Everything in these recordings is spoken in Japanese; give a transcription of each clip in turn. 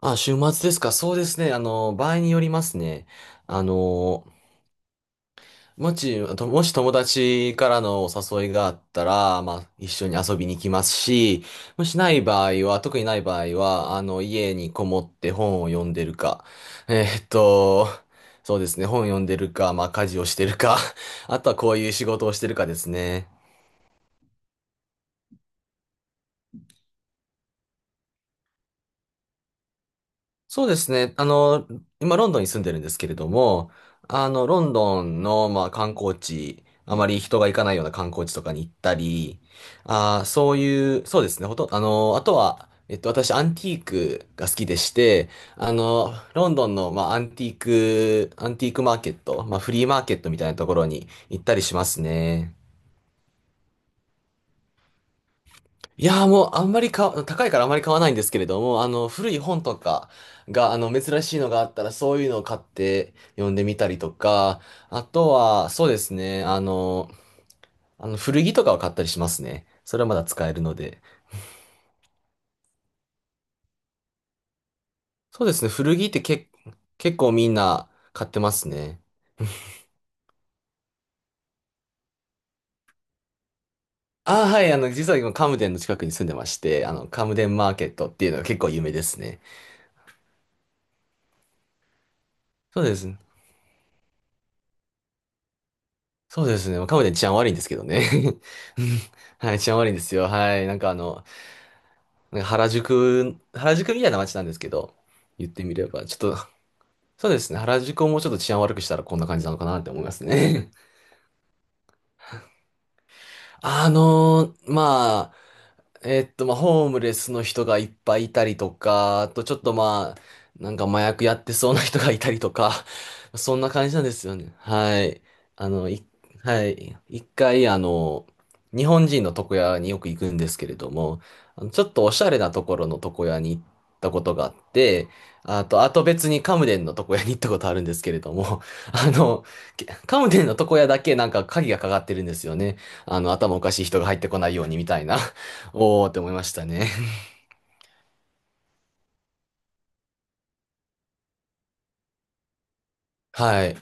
あ、週末ですか。そうですね。場合によりますね。あの、あともし友達からのお誘いがあったら、まあ、一緒に遊びに行きますし、もしない場合は、特にない場合は、家にこもって本を読んでるか、えーっと、そうですね。本読んでるか、まあ、家事をしてるか、あとはこういう仕事をしてるかですね。そうですね。今、ロンドンに住んでるんですけれども、ロンドンの、まあ、観光地、あまり人が行かないような観光地とかに行ったり、あーそういう、そうですね。ほとん、あとは、私、アンティークが好きでして、ロンドンの、まあ、アンティークマーケット、まあ、フリーマーケットみたいなところに行ったりしますね。いやーもうあんまり高いからあまり買わないんですけれども、古い本とかが、珍しいのがあったら、そういうのを買って読んでみたりとか、あとは、そうですね、古着とかを買ったりしますね。それはまだ使えるので。そうですね、古着って結構みんな買ってますね。ああ、はい、実は今、カムデンの近くに住んでまして、カムデンマーケットっていうのが結構有名ですね。そうですね。そうですね。まあカムデン治安悪いんですけどね。はい、治安悪いんですよ。はい。なんか原宿みたいな街なんですけど、言ってみれば、ちょっと、そうですね、原宿をもうちょっと治安悪くしたらこんな感じなのかなって思いますね。あのーままあ、ホームレスの人がいっぱいいたりとか、あとちょっとまあ、なんか麻薬やってそうな人がいたりとか、そんな感じなんですよね。はい。あの、い、はい。一回、日本人の床屋によく行くんですけれども、ちょっとおしゃれなところの床屋に行ったことがあって、あと別にカムデンの床屋に行ったことあるんですけれども、あの、カムデンの床屋だけなんか鍵がかかってるんですよね。頭おかしい人が入ってこないようにみたいな。おーって思いましたね。はい。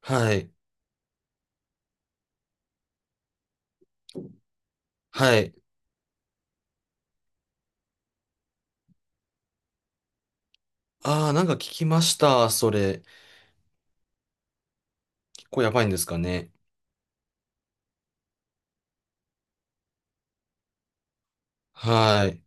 はい。はい。ああ、なんか聞きました。それ。結構やばいんですかね。はい。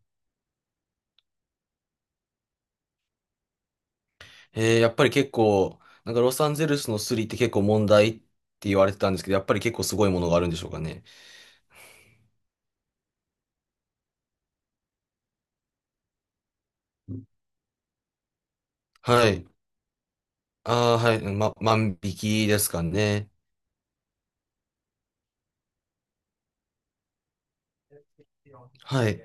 やっぱり結構、なんかロサンゼルスのスリって結構問題って言われてたんですけど、やっぱり結構すごいものがあるんでしょうかね。はい。ああ、はい。万引きですかね。はい。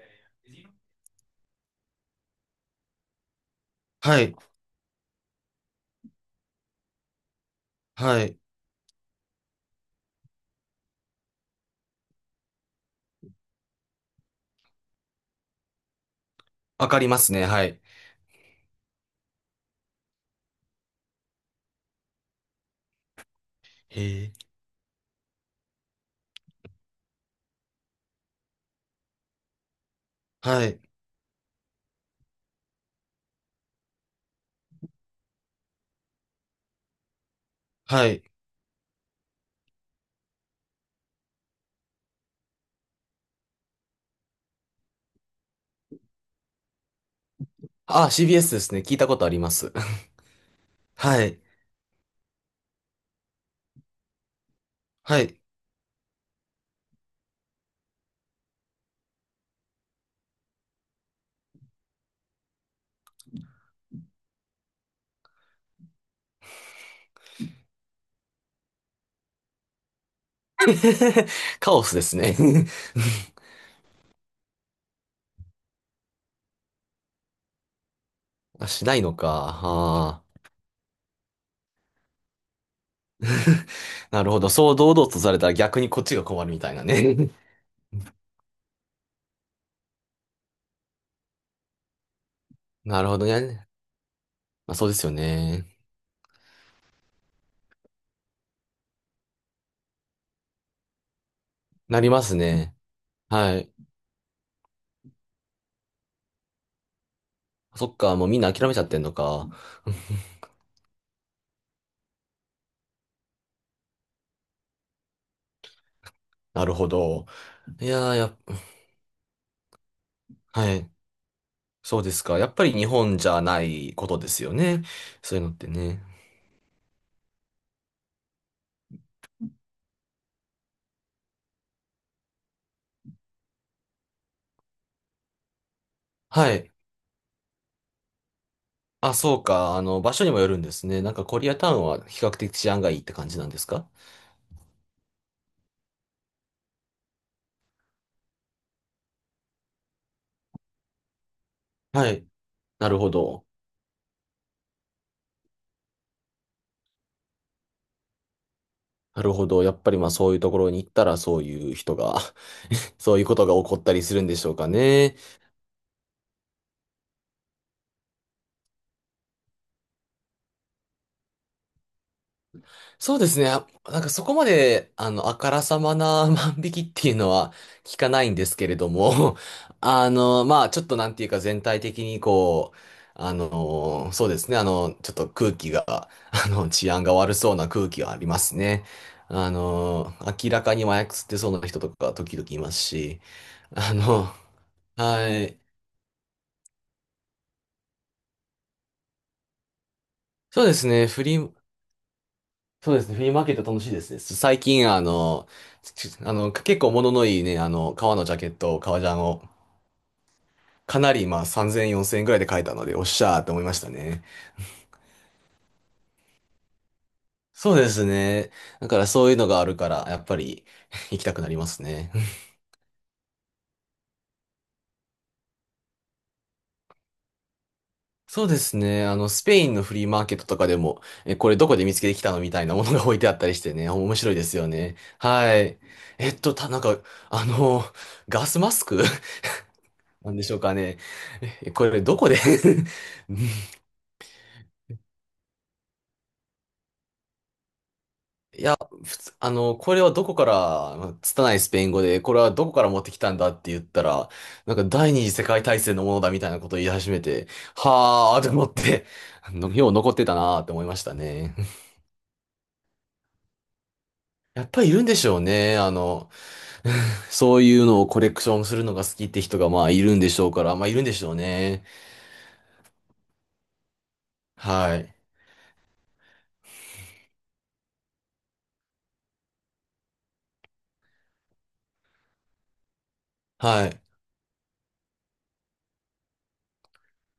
はい。はい。わかりますね。はい。へえ。はい。はい。ああ、CBS ですね。聞いたことあります。はい。はい。カオスですね。 あ、しないのか。ああ、なるほど。そう堂々とされたら逆にこっちが困るみたいなね。なるほどね。まあ、そうですよね。なりますね。はい。そっか、もうみんな諦めちゃってんのか。なるほど。いやー、はい。そうですか。やっぱり日本じゃないことですよね。そういうのってね。はい。あ、そうか。場所にもよるんですね。なんかコリアタウンは比較的治安がいいって感じなんですか？はい。なるほど。なるほど。やっぱりまあそういうところに行ったらそういう人が そういうことが起こったりするんでしょうかね。そうですね。あ、なんかそこまで、あからさまな 万引きっていうのは聞かないんですけれども、まあちょっとなんていうか全体的にこう、そうですね。ちょっと空気が、治安が悪そうな空気がありますね。あの、明らかに麻薬吸ってそうな人とか時々いますし、あの、はい。そうですね。フリー、そうですね。フリーマーケット楽しいですね。最近、あの、ちあの、結構物のいいね、革のジャケット、革ジャンを、かなり、まあ、3000、4000円ぐらいで買えたので、おっしゃーって思いましたね。そうですね。だからそういうのがあるから、やっぱり 行きたくなりますね。そうですね。スペインのフリーマーケットとかでも、え、これどこで見つけてきたのみたいなものが置いてあったりしてね、面白いですよね。はい。なんか、あの、ガスマスク なんでしょうかね。え、これどこで？ いや、普通、これはどこから、まあ拙いスペイン語で、これはどこから持ってきたんだって言ったら、なんか第二次世界大戦のものだみたいなことを言い始めて、はーと思って、よう残ってたなーって思いましたね。やっぱりいるんでしょうね。そういうのをコレクションするのが好きって人がまあいるんでしょうから、まあいるんでしょうね。はい。はい。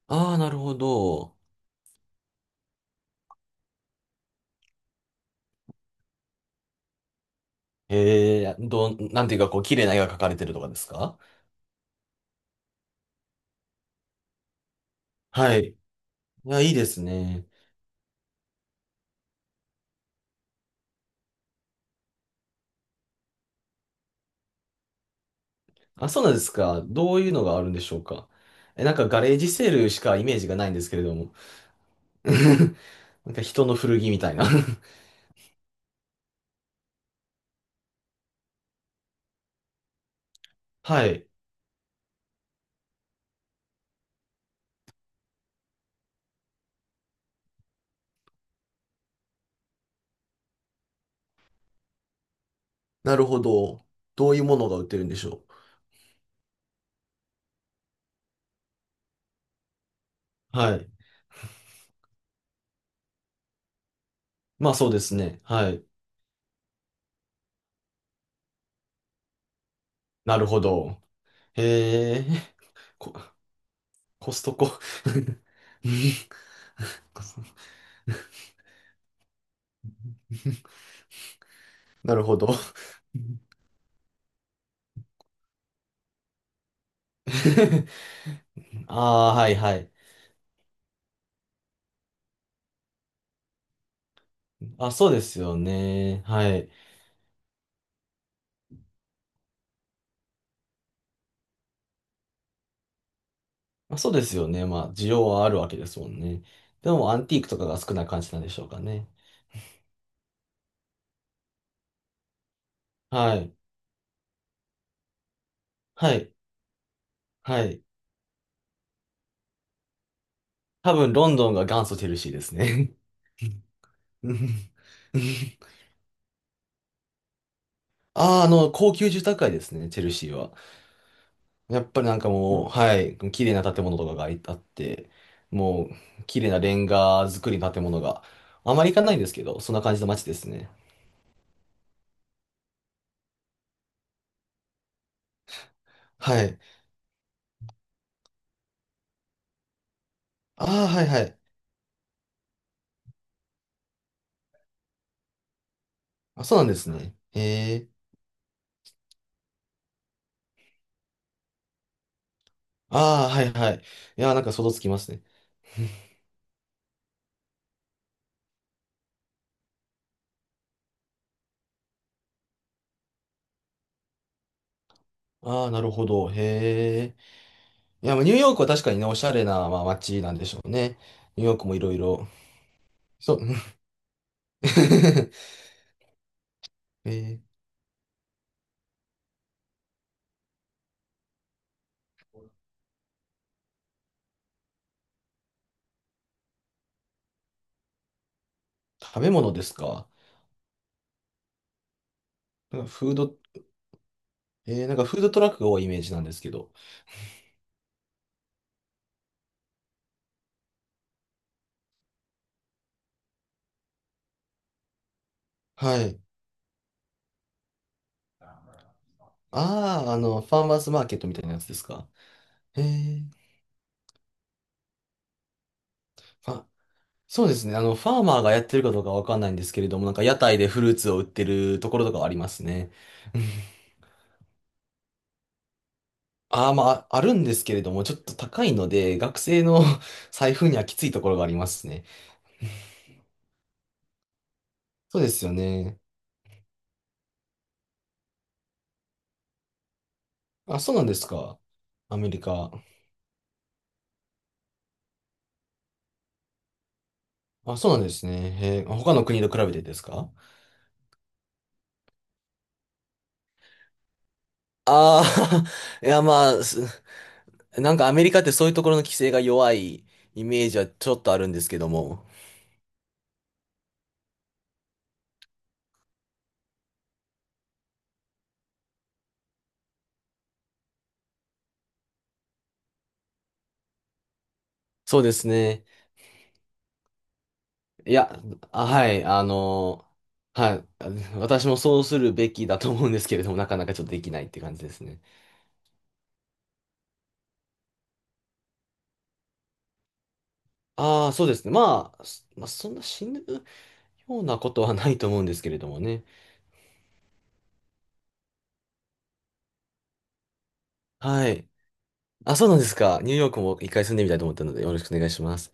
ああ、なるほど。ええ、なんていうかこう、綺麗な絵が描かれてるとかですか？はい。いや、いいですね。あ、そうなんですか。どういうのがあるんでしょうか。え、なんかガレージセールしかイメージがないんですけれども。なんか人の古着みたいな はい。なるほど。どういうものが売ってるんでしょう？はい。まあそうですね。はい。なるほど。へえ、コ、コストコ コスなるほど。ああ、はいはい。あ、そうですよね。はい。まあ、そうですよね。まあ、需要はあるわけですもんね。でも、アンティークとかが少ない感じなんでしょうかね。はい。はい。はい。多分、ロンドンが元祖チェルシーですね。ああ、高級住宅街ですね、チェルシーは。やっぱりなんかもう、はい、綺麗な建物とかがあって、もう、綺麗なレンガ造りの建物が、あまり行かないんですけど、そんな感じの街ですね。はい。ああ、はいはい。あ、そうなんですね。へえ。ああ、はいはい。いやー、なんか想像つきますね。ああ、なるほど。へえ。いや、まあニューヨークは確かにね、おしゃれな、まあ、街なんでしょうね。ニューヨークもいろいろ。そう。えー食べ物ですか。なんかフード、えーなんかフードトラックが多いイメージなんですけど。はい。ああ、ファーマーズマーケットみたいなやつですか。へえ。あ、そうですね。ファーマーがやってるかどうかわかんないんですけれども、なんか屋台でフルーツを売ってるところとかはありますね。ああ、まあ、あるんですけれども、ちょっと高いので、学生の 財布にはきついところがありますね。そうですよね。あ、そうなんですか。アメリカ。あ、そうなんですね。へー他の国と比べてですか？ああー、いやまあ、なんかアメリカってそういうところの規制が弱いイメージはちょっとあるんですけども。そうですね。いや、あ、はい、はい、あ、私もそうするべきだと思うんですけれども、なかなかちょっとできないって感じですね。ああ、そうですね。まあ、そんな死ぬようなことはないと思うんですけれどもね。はい。あ、そうなんですか。ニューヨークも一回住んでみたいと思ったので、よろしくお願いします。